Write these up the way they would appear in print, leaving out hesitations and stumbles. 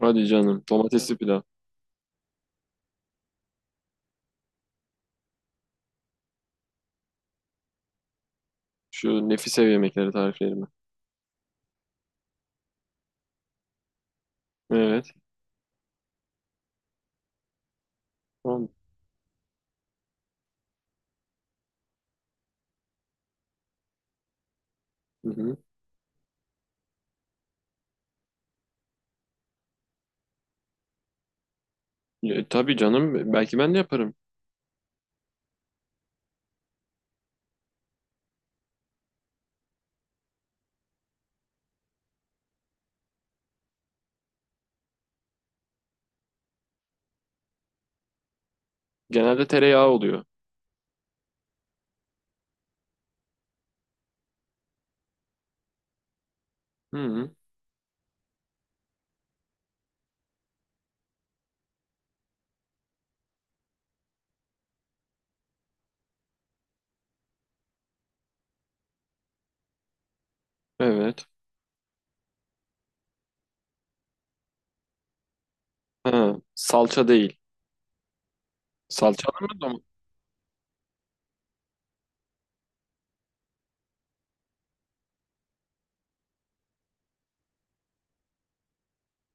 Hadi canım. Domatesli pilav. Şu nefis ev yemekleri tariflerimi. Evet. Tamam. Hı hı. Tabii canım. Belki ben de yaparım. Genelde tereyağı oluyor. Hı hı. Evet. Ha, salça değil. Salçalı mı domates?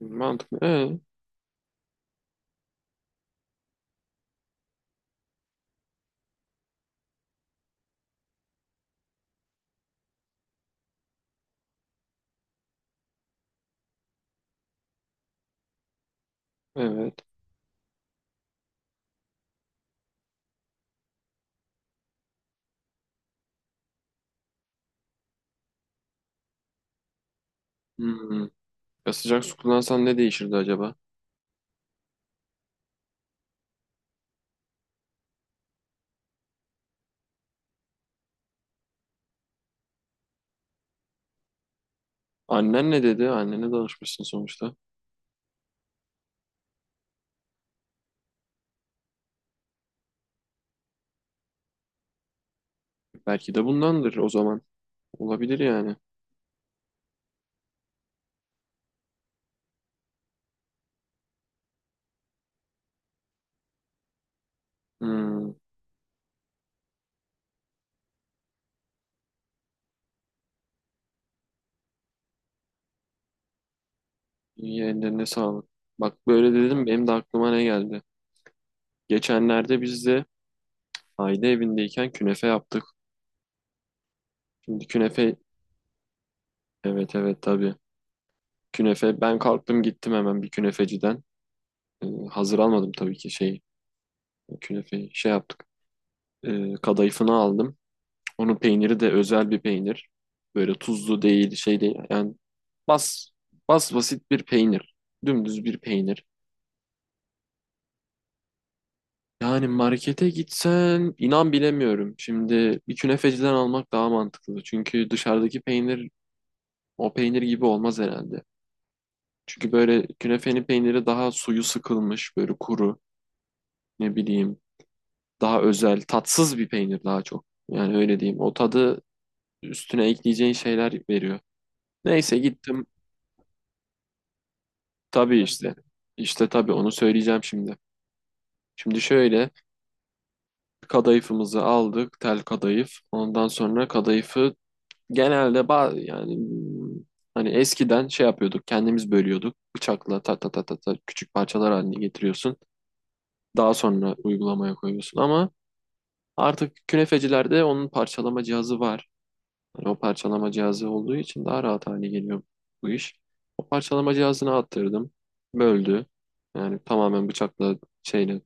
Mantıklı. Evet. Hı hı. Ya sıcak su kullansan ne değişirdi acaba? Annen ne dedi? Annene danışmışsın sonuçta. Belki de bundandır o zaman. Olabilir yani. Hmm. İyi ellerine sağlık. Bak böyle dedim, benim de aklıma ne geldi. Geçenlerde biz de aile evindeyken künefe yaptık. Şimdi künefe, evet evet tabii. Künefe, ben kalktım gittim hemen bir künefeciden. Hazır almadım tabii ki, şey, künefeyi şey yaptık. Kadayıfını aldım. Onun peyniri de özel bir peynir. Böyle tuzlu değil, şey değil. Yani bas basit bir peynir. Dümdüz bir peynir. Yani markete gitsen inan bilemiyorum. Şimdi bir künefeciden almak daha mantıklı. Çünkü dışarıdaki peynir, o peynir gibi olmaz herhalde. Çünkü böyle künefenin peyniri daha suyu sıkılmış, böyle kuru, ne bileyim, daha özel, tatsız bir peynir daha çok. Yani öyle diyeyim. O tadı üstüne ekleyeceğin şeyler veriyor. Neyse gittim. Tabii işte. İşte tabii onu söyleyeceğim şimdi. Şimdi şöyle, kadayıfımızı aldık, tel kadayıf. Ondan sonra kadayıfı genelde yani, hani eskiden şey yapıyorduk, kendimiz bölüyorduk. Bıçakla ta ta ta ta ta küçük parçalar haline getiriyorsun. Daha sonra uygulamaya koyuyorsun ama artık künefecilerde onun parçalama cihazı var. Hani o parçalama cihazı olduğu için daha rahat hale geliyor bu iş. O parçalama cihazını attırdım. Böldü. Yani tamamen bıçakla, şeyle,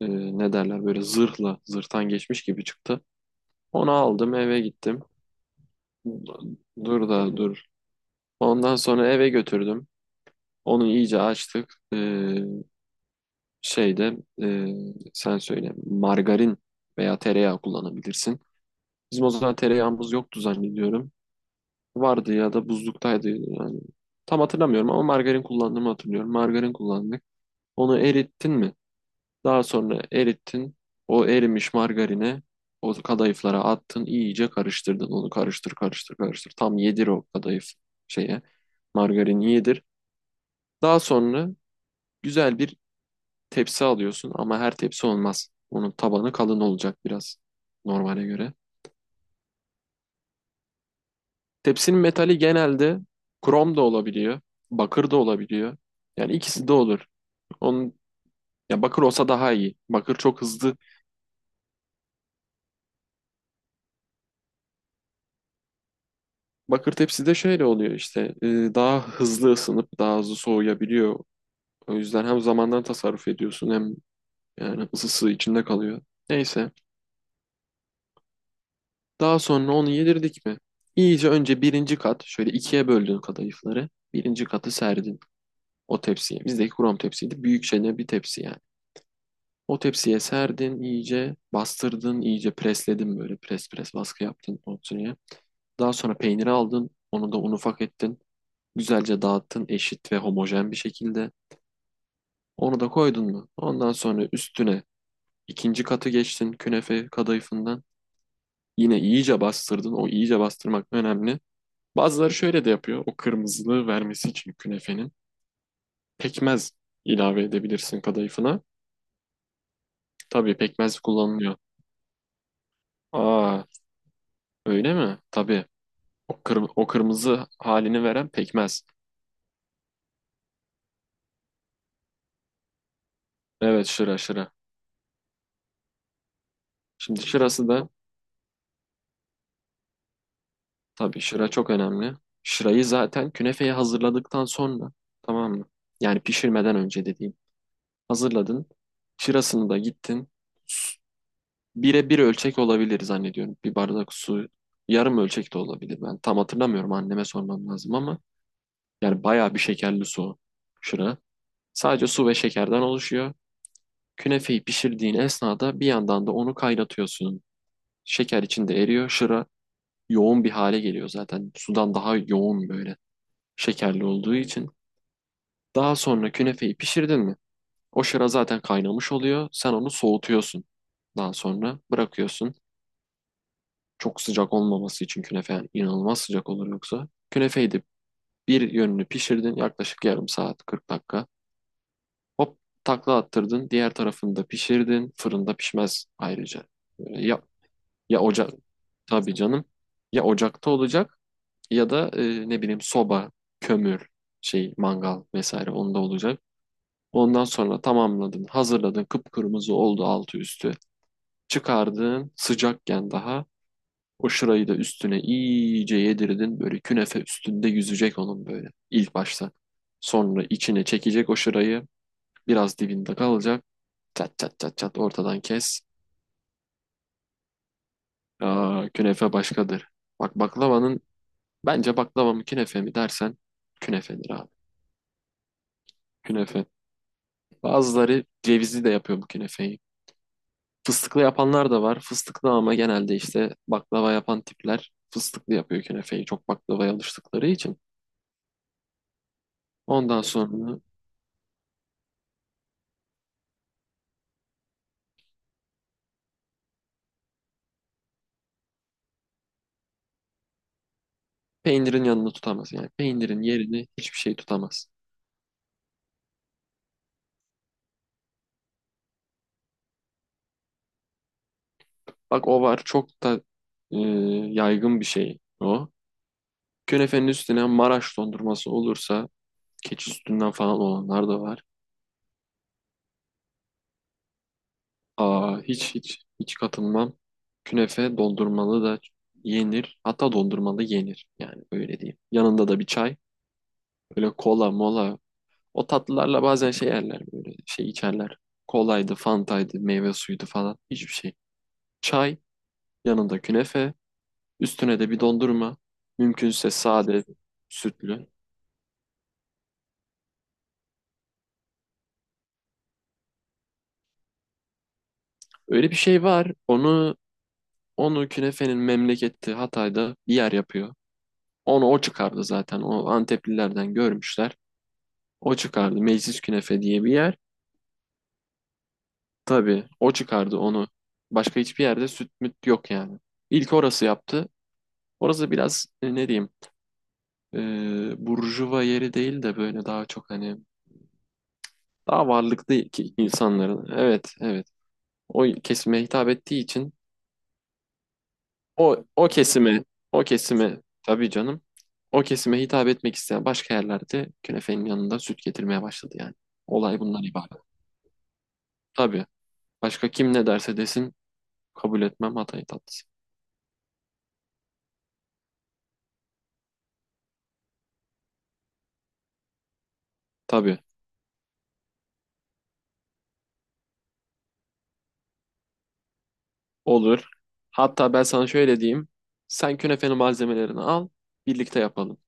e, ne derler, böyle zırhla, zırhtan geçmiş gibi çıktı. Onu aldım, eve gittim. Dur da dur. Ondan sonra eve götürdüm. Onu iyice açtık. Şeyde, sen söyle, margarin veya tereyağı kullanabilirsin. Bizim o zaman tereyağımız yoktu zannediyorum. Vardı ya da buzluktaydı yani. Tam hatırlamıyorum ama margarin kullandığımı hatırlıyorum. Margarin kullandık. Onu erittin mi? Daha sonra erittin. O erimiş margarini o kadayıflara attın. İyice karıştırdın. Onu karıştır karıştır karıştır. Tam yedir o kadayıf şeye. Margarini yedir. Daha sonra güzel bir tepsi alıyorsun ama her tepsi olmaz. Onun tabanı kalın olacak biraz normale göre. Tepsinin metali genelde krom da olabiliyor, bakır da olabiliyor. Yani ikisi de olur. Onun, ya bakır olsa daha iyi. Bakır çok hızlı. Bakır tepside şöyle oluyor işte, daha hızlı ısınıp daha hızlı soğuyabiliyor. O yüzden hem zamandan tasarruf ediyorsun hem yani ısısı içinde kalıyor. Neyse. Daha sonra onu yedirdik mi? İyice önce birinci kat, şöyle ikiye böldün kadayıfları. Birinci katı serdin o tepsiye. Bizdeki krom tepsiydi. Büyük çene bir tepsi yani. O tepsiye serdin, iyice bastırdın, iyice presledin, böyle pres pres baskı yaptın o tepsiye. Daha sonra peyniri aldın. Onu da un ufak ettin. Güzelce dağıttın, eşit ve homojen bir şekilde. Onu da koydun mu? Ondan sonra üstüne ikinci katı geçtin künefe kadayıfından. Yine iyice bastırdın. O iyice bastırmak önemli. Bazıları şöyle de yapıyor. O kırmızılığı vermesi için künefenin, pekmez ilave edebilirsin kadayıfına. Tabii pekmez kullanılıyor. Aa, öyle mi? Tabii. O, kırmızı halini veren pekmez. Evet, şıra şıra. Şimdi şırası da... Tabii şıra çok önemli. Şırayı zaten künefeyi hazırladıktan sonra, tamam mı? Yani pişirmeden önce dediğim. Hazırladın. Şırasını da gittin. Bire bir ölçek olabilir zannediyorum. Bir bardak su, yarım ölçek de olabilir. Ben tam hatırlamıyorum, anneme sormam lazım ama yani bayağı bir şekerli su o şıra. Sadece su ve şekerden oluşuyor. Künefeyi pişirdiğin esnada bir yandan da onu kaynatıyorsun. Şeker içinde eriyor. Şıra yoğun bir hale geliyor zaten. Sudan daha yoğun, böyle şekerli olduğu için. Daha sonra künefeyi pişirdin mi? O şıra zaten kaynamış oluyor. Sen onu soğutuyorsun. Daha sonra bırakıyorsun. Çok sıcak olmaması için künefe, yani inanılmaz sıcak olur yoksa. Künefeyi de bir yönünü pişirdin, yaklaşık yarım saat, 40 dakika. Hop, takla attırdın. Diğer tarafını da pişirdin. Fırında pişmez ayrıca. Ee, Ya, ya ocak, tabii canım. Ya ocakta olacak ya da, ne bileyim, soba, kömür, şey mangal vesaire, onda olacak. Ondan sonra tamamladın, hazırladın, kıpkırmızı oldu altı üstü. Çıkardın sıcakken daha. O şırayı da üstüne iyice yedirdin. Böyle künefe üstünde yüzecek onun, böyle ilk başta. Sonra içine çekecek o şırayı. Biraz dibinde kalacak. Çat çat çat çat ortadan kes. Aa, künefe başkadır. Bak, baklavanın, bence baklava mı künefe mi dersen, künefedir abi. Künefe. Bazıları cevizli de yapıyor bu künefeyi. Fıstıklı yapanlar da var. Fıstıklı ama genelde işte baklava yapan tipler fıstıklı yapıyor künefeyi. Çok baklavaya alıştıkları için. Ondan sonra peynirin yanını tutamaz. Yani peynirin yerini hiçbir şey tutamaz. Bak o var. Çok da, e, yaygın bir şey o. Künefenin üstüne Maraş dondurması olursa, keçi sütünden falan olanlar da var. Aa, hiç hiç hiç katılmam. Künefe dondurmalı da yenir. Hatta dondurmalı yenir. Yani öyle diyeyim. Yanında da bir çay. Böyle kola mola, o tatlılarla bazen şey yerler, böyle şey içerler. Kolaydı, fantaydı, meyve suyuydu falan, hiçbir şey. Çay, yanında künefe, üstüne de bir dondurma. Mümkünse sade, sütlü. Öyle bir şey var. Onu künefenin memleketi Hatay'da bir yer yapıyor. Onu o çıkardı zaten. O Anteplilerden görmüşler. O çıkardı. Meclis Künefe diye bir yer. Tabii o çıkardı onu. Başka hiçbir yerde süt müt yok yani. İlk orası yaptı. Orası biraz, ne diyeyim, burjuva yeri değil de böyle daha çok hani daha varlıklı insanların, evet evet, o kesime hitap ettiği için o o kesime o kesime, tabii canım, o kesime hitap etmek isteyen başka yerlerde künefenin yanında süt getirmeye başladı yani. Olay bundan ibaret. Tabii. Başka kim ne derse desin kabul etmem, Hatay tatlısı. Tabii. Olur. Hatta ben sana şöyle diyeyim. Sen künefenin malzemelerini al, birlikte yapalım.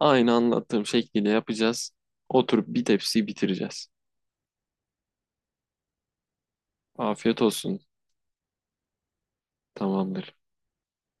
Aynı anlattığım şekliyle yapacağız. Oturup bir tepsiyi bitireceğiz. Afiyet olsun. Tamamdır.